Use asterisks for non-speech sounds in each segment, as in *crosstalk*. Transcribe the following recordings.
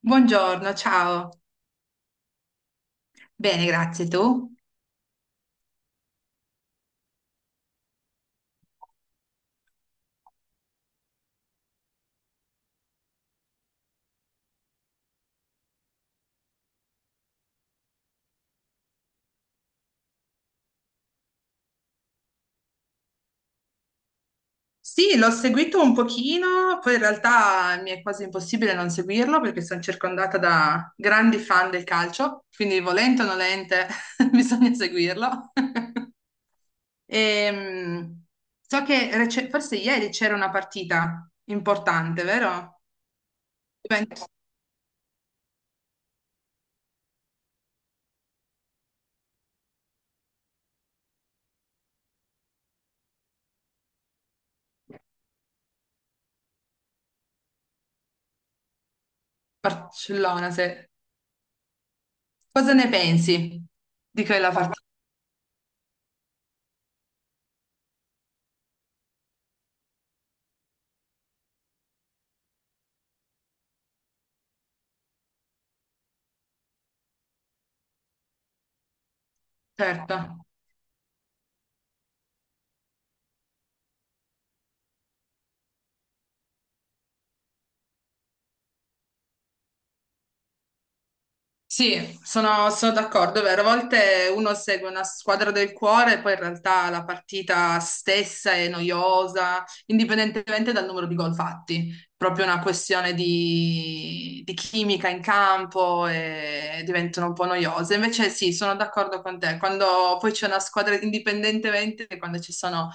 Buongiorno, ciao. Bene, grazie. Tu? Sì, l'ho seguito un pochino, poi in realtà mi è quasi impossibile non seguirlo perché sono circondata da grandi fan del calcio, quindi volente o nolente *laughs* bisogna seguirlo. *laughs* Ehm, so che forse ieri c'era una partita importante, vero? Juventus- Barcellona, se... Cosa ne pensi di quella partita? Certo. Sì, sono d'accordo, è vero. A volte uno segue una squadra del cuore e poi in realtà la partita stessa è noiosa, indipendentemente dal numero di gol fatti proprio una questione di chimica in campo e diventano un po' noiose. Invece sì, sono d'accordo con te. Quando poi c'è una squadra, indipendentemente, quando ci sono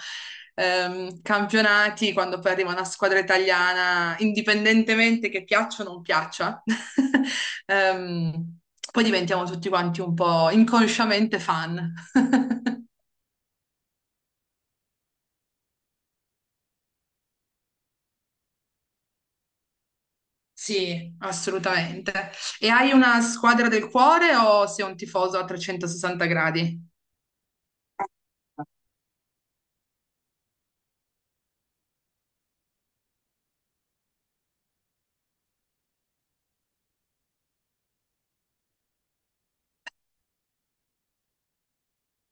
campionati, quando poi arriva una squadra italiana, indipendentemente che piaccia o non piaccia, *laughs* ehm, poi diventiamo tutti quanti un po' inconsciamente fan. *laughs* Sì, assolutamente. E hai una squadra del cuore o sei un tifoso a 360 gradi?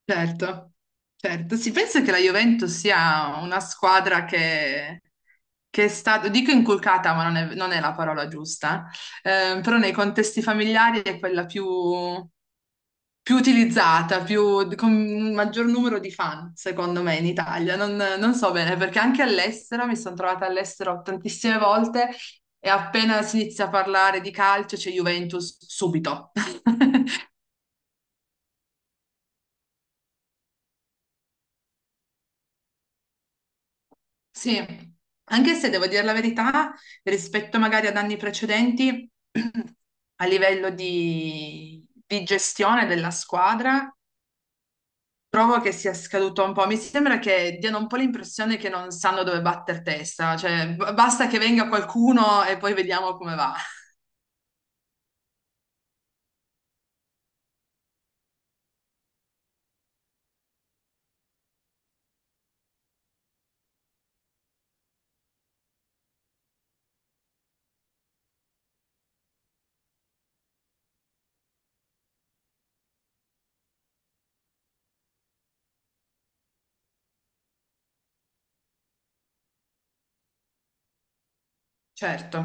Certo, certo. Si pensa che la Juventus sia una squadra che è stata, dico inculcata, ma non è, non è la parola giusta, però nei contesti familiari è quella più, più utilizzata, più, con un maggior numero di fan, secondo me, in Italia. Non, non so bene, perché anche all'estero, mi sono trovata all'estero tantissime volte e appena si inizia a parlare di calcio c'è Juventus subito. *laughs* Sì, anche se devo dire la verità, rispetto magari ad anni precedenti, *clears throat* a livello di gestione della squadra, trovo che sia scaduto un po'. Mi sembra che diano un po' l'impressione che non sanno dove batter testa, cioè basta che venga qualcuno e poi vediamo come va. Certo.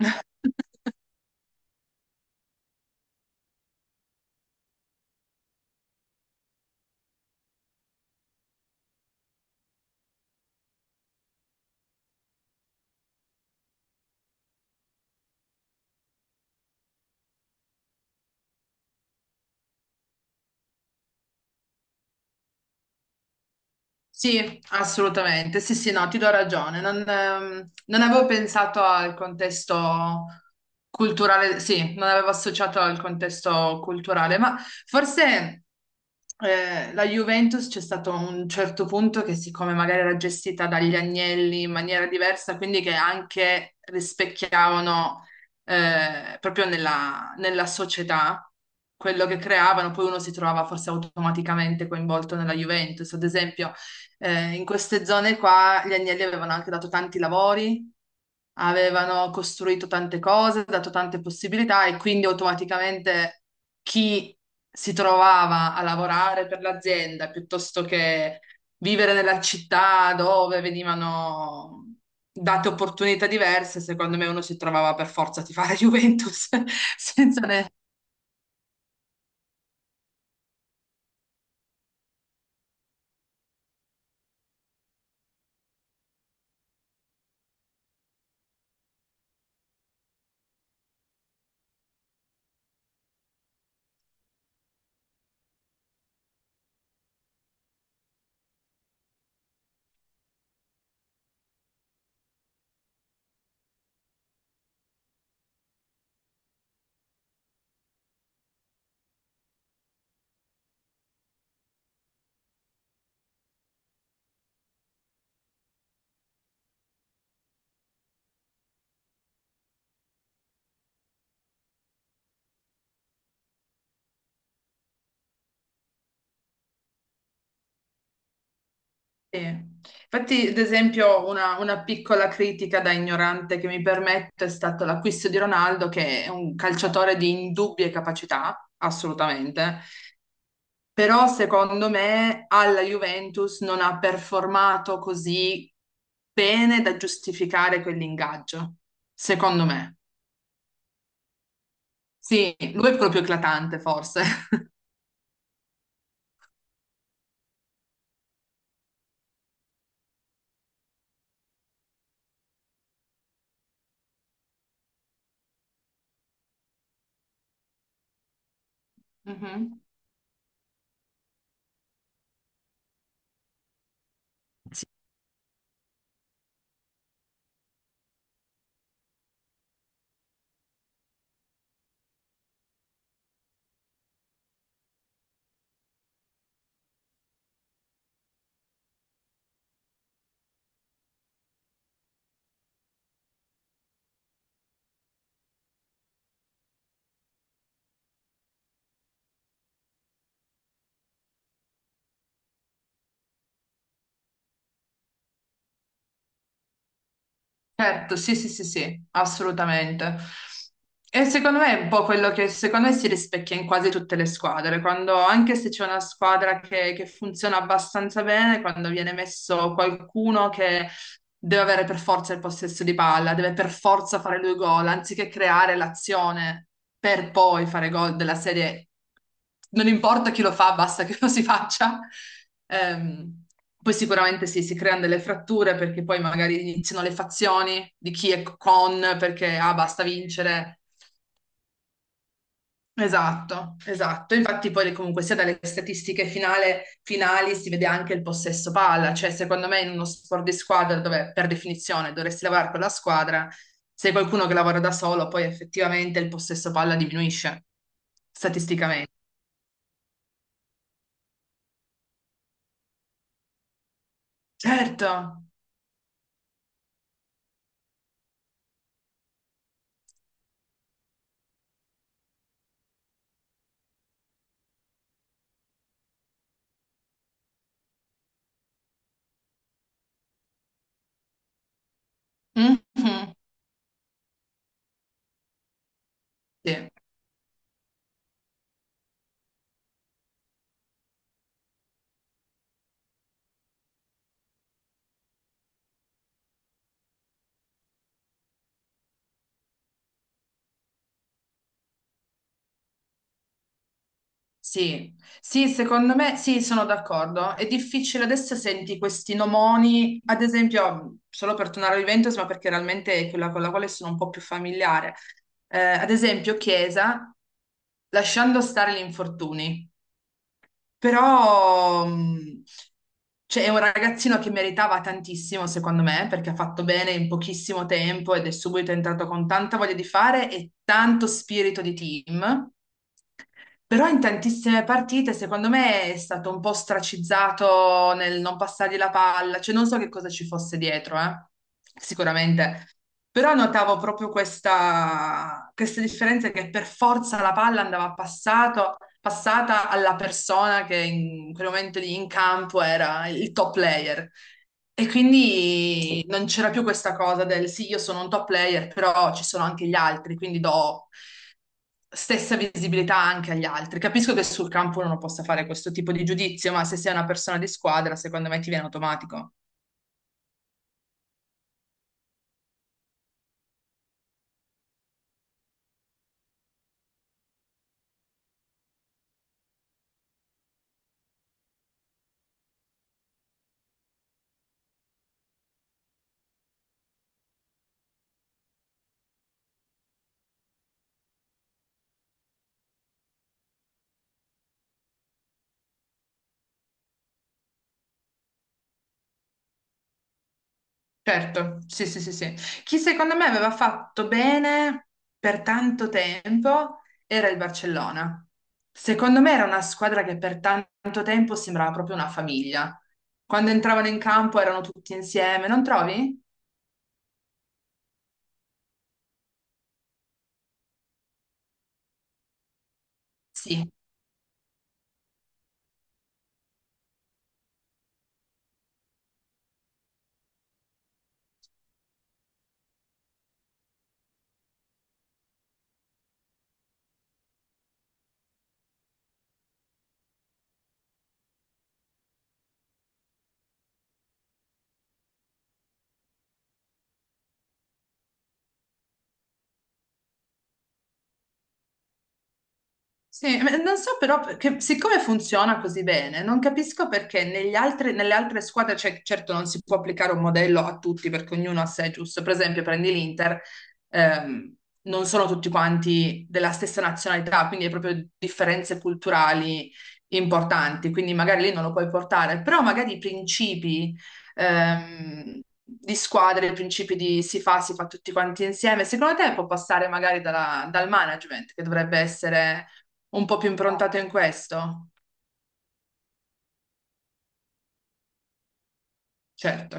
*laughs* Sì, assolutamente. Sì, sì, no, ti do ragione. Non, non avevo pensato al contesto culturale, sì, non avevo associato al contesto culturale, ma forse la Juventus c'è stato un certo punto che, siccome magari era gestita dagli Agnelli in maniera diversa, quindi che anche rispecchiavano proprio nella società quello che creavano, poi uno si trovava forse automaticamente coinvolto nella Juventus, ad esempio in queste zone qua gli Agnelli avevano anche dato tanti lavori, avevano costruito tante cose, dato tante possibilità e quindi automaticamente chi si trovava a lavorare per l'azienda piuttosto che vivere nella città dove venivano date opportunità diverse, secondo me uno si trovava per forza a tifare Juventus *laughs* senza, ne- Sì. Infatti, ad esempio, una piccola critica da ignorante che mi permetto è stato l'acquisto di Ronaldo, che è un calciatore di indubbie capacità, assolutamente, però secondo me alla Juventus non ha performato così bene da giustificare quell'ingaggio, secondo me. Sì, lui è proprio eclatante, forse. *laughs* Mhm. Certo, sì, sì, sì, sì, assolutamente. E secondo me è un po' quello che secondo me si rispecchia in quasi tutte le squadre, quando anche se c'è una squadra che funziona abbastanza bene, quando viene messo qualcuno che deve avere per forza il possesso di palla, deve per forza fare lui gol, anziché creare l'azione per poi fare gol della serie. Non importa chi lo fa, basta che *laughs* lo si faccia. Ehm, poi sicuramente sì, si creano delle fratture perché poi magari iniziano le fazioni di chi è con, perché ah, basta vincere. Esatto, esatto. Infatti poi comunque sia dalle statistiche finali si vede anche il possesso palla, cioè secondo me in uno sport di squadra dove per definizione dovresti lavorare con la squadra, se hai qualcuno che lavora da solo poi effettivamente il possesso palla diminuisce statisticamente. Certo. Mhm. Sì. Sì, sì, secondo me sì, sono d'accordo. È difficile adesso senti questi nomoni, ad esempio, solo per tornare al Juventus, ma perché realmente è quella con la quale sono un po' più familiare. Ad esempio, Chiesa, lasciando stare gli infortuni, però cioè, è un ragazzino che meritava tantissimo, secondo me, perché ha fatto bene in pochissimo tempo ed è subito entrato con tanta voglia di fare e tanto spirito di team. Però in tantissime partite, secondo me, è stato un po' stracizzato nel non passargli la palla, cioè non so che cosa ci fosse dietro, sicuramente. Però notavo proprio questa differenza che per forza la palla andava passata alla persona che in quel momento lì in campo era il top player. E quindi non c'era più questa cosa del sì, io sono un top player, però ci sono anche gli altri, quindi do stessa visibilità anche agli altri. Capisco che sul campo uno non possa fare questo tipo di giudizio, ma se sei una persona di squadra, secondo me ti viene automatico. Certo, sì, sì, sì, sì. Chi secondo me aveva fatto bene per tanto tempo era il Barcellona. Secondo me era una squadra che per tanto tempo sembrava proprio una famiglia. Quando entravano in campo erano tutti insieme, non trovi? Sì, sì, ma non so però, perché- siccome funziona così bene, non capisco perché negli altri- nelle altre squadre, cioè, certo non si può applicare un modello a tutti perché ognuno ha sé giusto. Per esempio, prendi l'Inter, ehm, non sono tutti quanti della stessa nazionalità, quindi hai proprio differenze culturali importanti, quindi magari lì non lo puoi portare, però magari i principi, ehm, di squadre, i principi di si fa tutti quanti insieme, secondo te può passare magari dalla- dal management, che dovrebbe essere un po' più improntato in questo? Certo,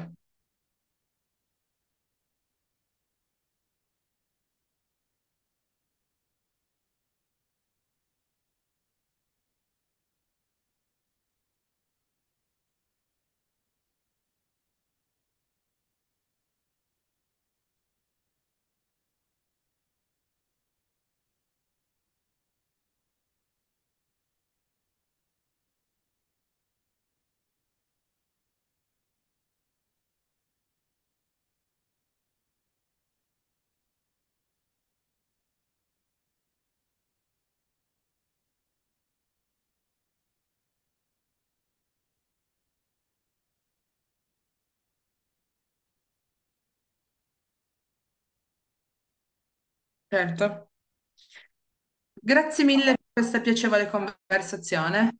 certo. Grazie mille per questa piacevole conversazione.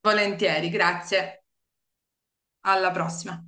Volentieri, grazie. Alla prossima.